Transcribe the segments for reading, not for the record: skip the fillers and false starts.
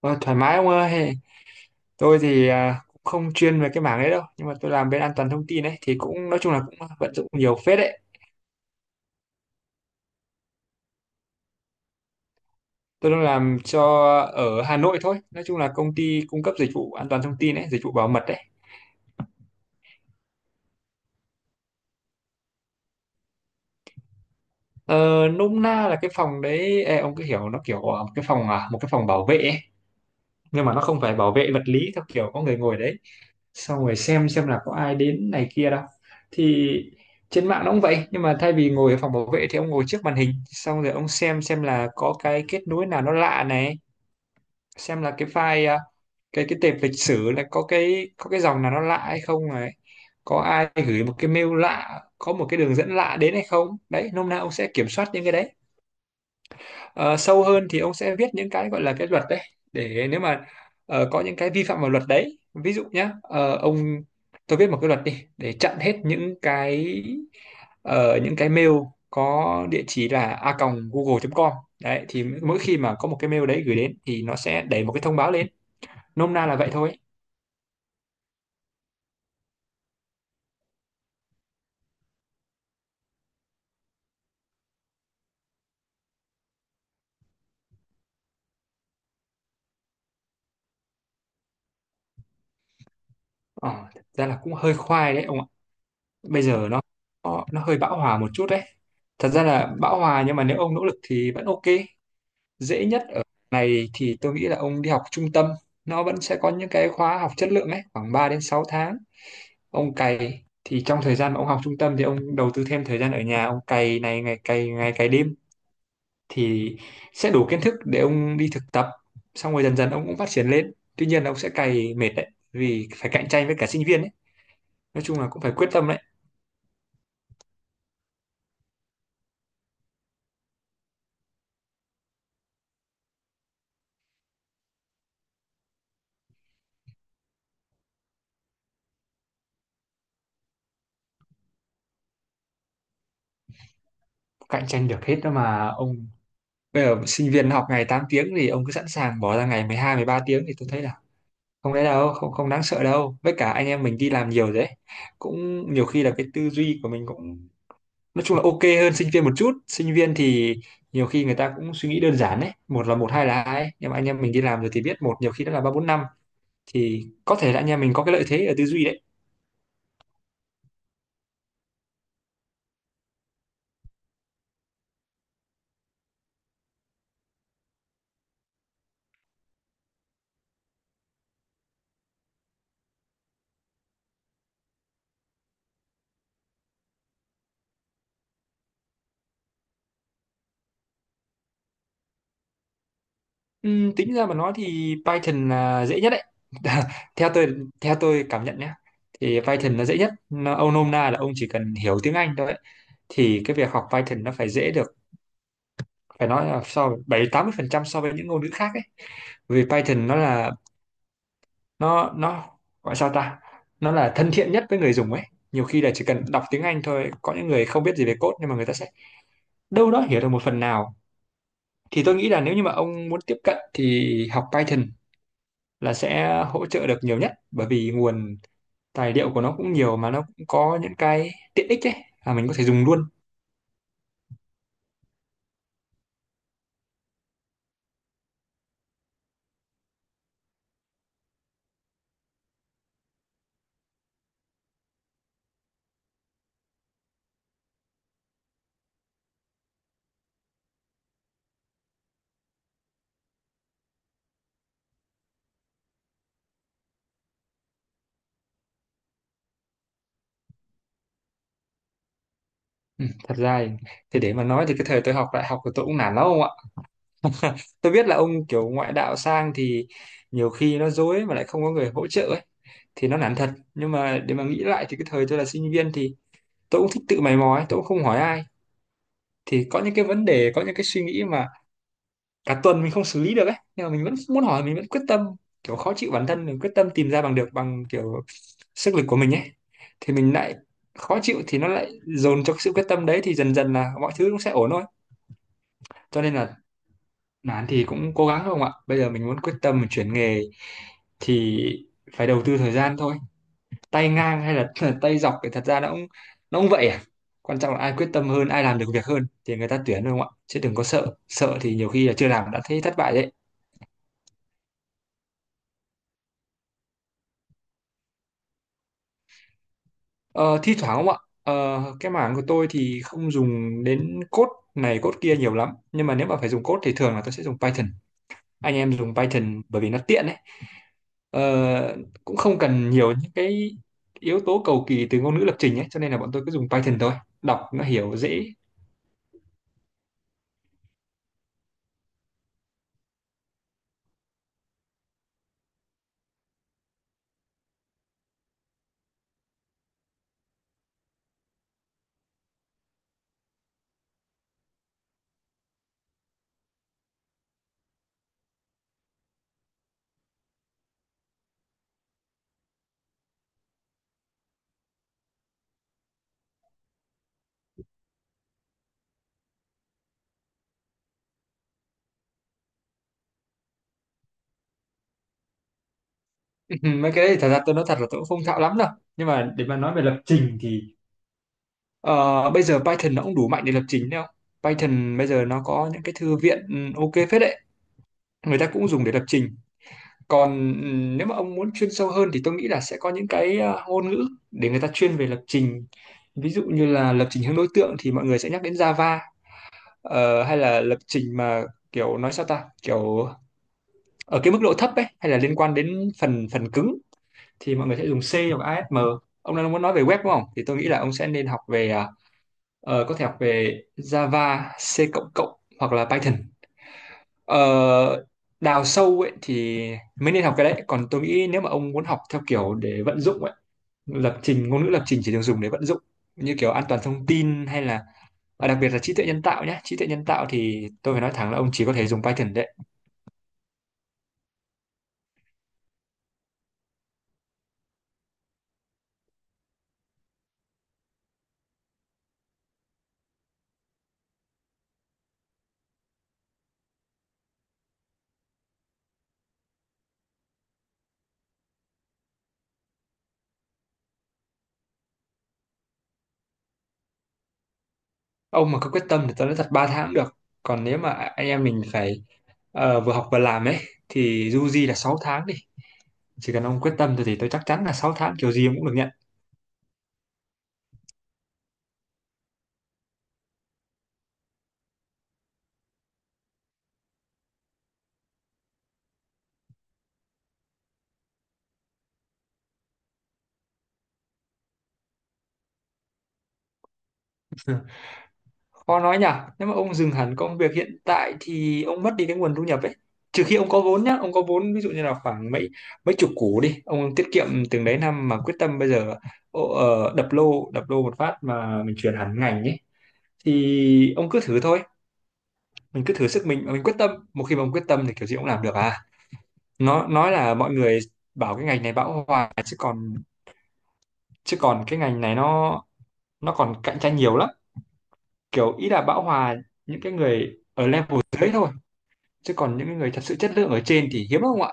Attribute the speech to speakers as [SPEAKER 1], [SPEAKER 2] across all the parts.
[SPEAKER 1] Ờ, Thoải mái ông ơi. Tôi thì cũng không chuyên về cái mảng đấy đâu, nhưng mà tôi làm bên an toàn thông tin ấy thì cũng nói chung là cũng vận dụng nhiều phết đấy. Tôi đang làm cho ở Hà Nội thôi, nói chung là công ty cung cấp dịch vụ an toàn thông tin ấy, dịch vụ bảo mật đấy. Ờ, Nôm na là cái phòng đấy, ông cứ hiểu nó kiểu một cái phòng, một cái phòng bảo vệ ấy. Nhưng mà nó không phải bảo vệ vật lý theo kiểu có người ngồi đấy xong rồi xem là có ai đến này kia đâu. Thì trên mạng nó cũng vậy, nhưng mà thay vì ngồi ở phòng bảo vệ thì ông ngồi trước màn hình, xong rồi ông xem là có cái kết nối nào nó lạ này, xem là cái file cái tệp lịch sử là có cái dòng nào nó lạ hay không này, có ai gửi một cái mail lạ, có một cái đường dẫn lạ đến hay không đấy. Nôm na ông sẽ kiểm soát những cái đấy. Ờ, sâu hơn thì ông sẽ viết những cái gọi là cái luật đấy, để nếu mà có những cái vi phạm vào luật đấy, ví dụ nhá, ờ, ông tôi viết một cái luật đi để chặn hết những cái những cái mail có địa chỉ là a google.com đấy, thì mỗi khi mà có một cái mail đấy gửi đến thì nó sẽ đẩy một cái thông báo lên. Nôm na là vậy thôi. ờ, Thật ra là cũng hơi khoai đấy ông ạ. Bây giờ nó nó hơi bão hòa một chút đấy. Thật ra là bão hòa, nhưng mà nếu ông nỗ lực thì vẫn ok. Dễ nhất ở này thì tôi nghĩ là ông đi học trung tâm, nó vẫn sẽ có những cái khóa học chất lượng ấy, khoảng 3 đến 6 tháng. Ông cày thì trong thời gian mà ông học trung tâm thì ông đầu tư thêm thời gian ở nhà, ông cày này, ngày cày đêm, thì sẽ đủ kiến thức để ông đi thực tập. Xong rồi dần dần ông cũng phát triển lên, tuy nhiên là ông sẽ cày mệt đấy vì phải cạnh tranh với cả sinh viên ấy. Nói chung là cũng phải quyết tâm đấy. Cạnh tranh được hết đó mà ông. Bây giờ sinh viên học ngày 8 tiếng thì ông cứ sẵn sàng bỏ ra ngày 12-13 tiếng, thì tôi thấy là không đấy đâu, không, không đáng sợ đâu. Với cả anh em mình đi làm nhiều rồi đấy, cũng nhiều khi là cái tư duy của mình cũng nói chung là ok hơn sinh viên một chút. Sinh viên thì nhiều khi người ta cũng suy nghĩ đơn giản đấy, một là một hai là hai ấy. Nhưng mà anh em mình đi làm rồi thì biết một nhiều khi đã là ba bốn năm, thì có thể là anh em mình có cái lợi thế ở tư duy đấy. Tính ra mà nói thì Python là dễ nhất đấy. Theo tôi, theo tôi cảm nhận nhé, thì Python là dễ nhất. Ông nôm na là ông chỉ cần hiểu tiếng Anh thôi ấy, thì cái việc học Python nó phải dễ được. Phải nói là so 70-80% so với những ngôn ngữ khác ấy. Vì Python nó là, nó gọi sao ta, nó là thân thiện nhất với người dùng ấy. Nhiều khi là chỉ cần đọc tiếng Anh thôi, có những người không biết gì về code nhưng mà người ta sẽ đâu đó hiểu được một phần nào. Thì tôi nghĩ là nếu như mà ông muốn tiếp cận thì học Python là sẽ hỗ trợ được nhiều nhất, bởi vì nguồn tài liệu của nó cũng nhiều, mà nó cũng có những cái tiện ích ấy mà mình có thể dùng luôn. Thật ra thì để mà nói thì cái thời tôi học đại học của tôi cũng nản lắm. Tôi biết là ông kiểu ngoại đạo sang thì nhiều khi nó dối mà lại không có người hỗ trợ ấy, thì nó nản thật. Nhưng mà để mà nghĩ lại thì cái thời tôi là sinh viên thì tôi cũng thích tự mày mò ấy, tôi cũng không hỏi ai. Thì có những cái vấn đề, có những cái suy nghĩ mà cả tuần mình không xử lý được ấy, nhưng mà mình vẫn muốn hỏi, mình vẫn quyết tâm, kiểu khó chịu bản thân mình, quyết tâm tìm ra bằng được bằng kiểu sức lực của mình ấy. Thì mình lại khó chịu thì nó lại dồn cho cái sự quyết tâm đấy, thì dần dần là mọi thứ cũng sẽ ổn thôi. Cho nên là nán thì cũng cố gắng không ạ? Bây giờ mình muốn quyết tâm mình chuyển nghề thì phải đầu tư thời gian thôi. Tay ngang hay là tay dọc thì thật ra nó cũng, nó cũng vậy à. Quan trọng là ai quyết tâm hơn, ai làm được việc hơn thì người ta tuyển thôi không ạ? Chứ đừng có sợ, sợ thì nhiều khi là chưa làm đã thấy thất bại đấy. Ờ, thi thoảng không ạ? Ờ, cái mảng của tôi thì không dùng đến code này code kia nhiều lắm. Nhưng mà nếu mà phải dùng code thì thường là tôi sẽ dùng Python. Anh em dùng Python bởi vì nó tiện ấy. Ờ, Cũng không cần nhiều những cái yếu tố cầu kỳ từ ngôn ngữ lập trình ấy, cho nên là bọn tôi cứ dùng Python thôi, đọc nó hiểu dễ. Mấy cái đấy thì thật ra tôi nói thật là tôi cũng không thạo lắm. Đâu nhưng mà để mà nói về lập trình thì ờ, bây giờ Python nó cũng đủ mạnh để lập trình đâu. Python bây giờ nó có những cái thư viện ok phết đấy, người ta cũng dùng để lập trình. Còn nếu mà ông muốn chuyên sâu hơn thì tôi nghĩ là sẽ có những cái ngôn ngữ để người ta chuyên về lập trình. Ví dụ như là lập trình hướng đối tượng thì mọi người sẽ nhắc đến Java. Ờ, hay là lập trình mà kiểu nói sao ta, kiểu ở cái mức độ thấp ấy, hay là liên quan đến phần phần cứng, thì mọi người sẽ dùng C hoặc ASM. Ông đang muốn nói về web đúng không, thì tôi nghĩ là ông sẽ nên học về có thể học về Java, C++ hoặc là Python. Ờ, đào sâu ấy thì mới nên học cái đấy. Còn tôi nghĩ nếu mà ông muốn học theo kiểu để vận dụng ấy, lập trình ngôn ngữ lập trình chỉ được dùng để vận dụng như kiểu an toàn thông tin, hay là và đặc biệt là trí tuệ nhân tạo nhé. Trí tuệ nhân tạo thì tôi phải nói thẳng là ông chỉ có thể dùng Python đấy. Ông mà có quyết tâm thì tao nói thật 3 tháng cũng được. Còn nếu mà anh em mình phải vừa học vừa làm ấy thì du di là 6 tháng đi. Chỉ cần ông quyết tâm thì tôi chắc chắn là 6 tháng kiểu gì ông cũng được nhận. Khó nói nhở. Nếu mà ông dừng hẳn công việc hiện tại thì ông mất đi cái nguồn thu nhập ấy, trừ khi ông có vốn nhá. Ông có vốn ví dụ như là khoảng mấy mấy chục củ đi, ông tiết kiệm từng đấy năm mà quyết tâm bây giờ, đập lô một phát mà mình chuyển hẳn ngành ấy, thì ông cứ thử thôi. Mình cứ thử sức mình, mà mình quyết tâm, một khi mà ông quyết tâm thì kiểu gì ông làm được à. Nó nói là mọi người bảo cái ngành này bão hòa, chứ còn cái ngành này nó còn cạnh tranh nhiều lắm. Kiểu ý là bão hòa những cái người ở level dưới thôi, chứ còn những cái người thật sự chất lượng ở trên thì hiếm không ạ,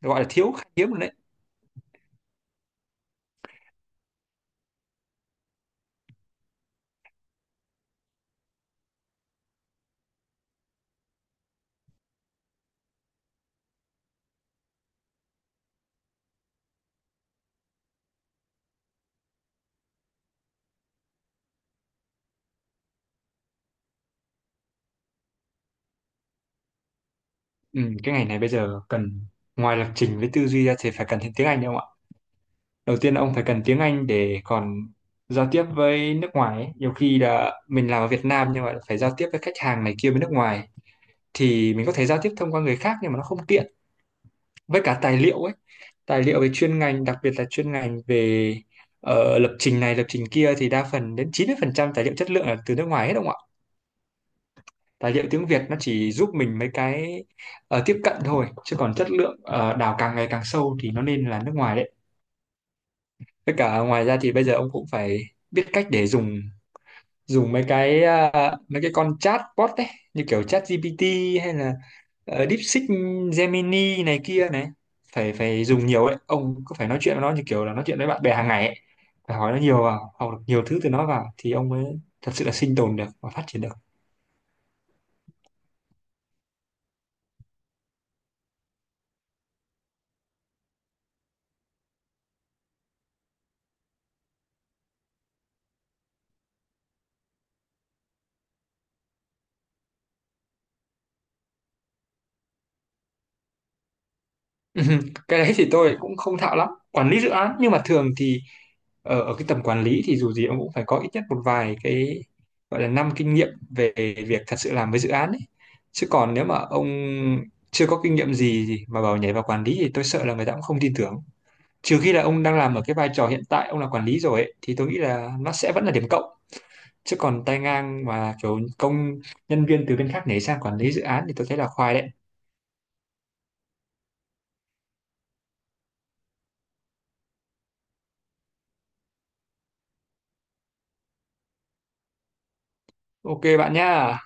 [SPEAKER 1] gọi là thiếu, khá hiếm rồi đấy. Ừ, cái ngành này bây giờ cần, ngoài lập trình với tư duy ra thì phải cần thêm tiếng Anh đúng không ạ. Đầu tiên là ông phải cần tiếng Anh để còn giao tiếp với nước ngoài ấy. Nhiều khi là mình làm ở Việt Nam nhưng mà phải giao tiếp với khách hàng này kia bên nước ngoài, thì mình có thể giao tiếp thông qua người khác nhưng mà nó không tiện. Với cả tài liệu ấy, tài liệu về chuyên ngành, đặc biệt là chuyên ngành về lập trình này lập trình kia, thì đa phần đến 90% tài liệu chất lượng là từ nước ngoài hết đúng không ạ. Tài liệu tiếng Việt nó chỉ giúp mình mấy cái tiếp cận thôi, chứ còn chất lượng đào càng ngày càng sâu thì nó nên là nước ngoài đấy. Với cả ngoài ra thì bây giờ ông cũng phải biết cách để dùng dùng mấy cái mấy cái con chatbot đấy, như kiểu ChatGPT hay là DeepSeek, Gemini này kia này. Phải phải dùng nhiều ấy, ông cứ phải nói chuyện với nó như kiểu là nói chuyện với bạn bè hàng ngày ấy, phải hỏi nó nhiều vào, học được nhiều thứ từ nó vào thì ông mới thật sự là sinh tồn được và phát triển được. Cái đấy thì tôi cũng không thạo lắm quản lý dự án. Nhưng mà thường thì ở cái tầm quản lý thì dù gì ông cũng phải có ít nhất một vài cái gọi là năm kinh nghiệm về việc thật sự làm với dự án ấy. Chứ còn nếu mà ông chưa có kinh nghiệm gì thì mà bảo nhảy vào quản lý thì tôi sợ là người ta cũng không tin tưởng. Trừ khi là ông đang làm ở cái vai trò hiện tại ông là quản lý rồi ấy, thì tôi nghĩ là nó sẽ vẫn là điểm cộng. Chứ còn tay ngang mà kiểu công nhân viên từ bên khác nhảy sang quản lý dự án thì tôi thấy là khoai đấy. Ok bạn nhá.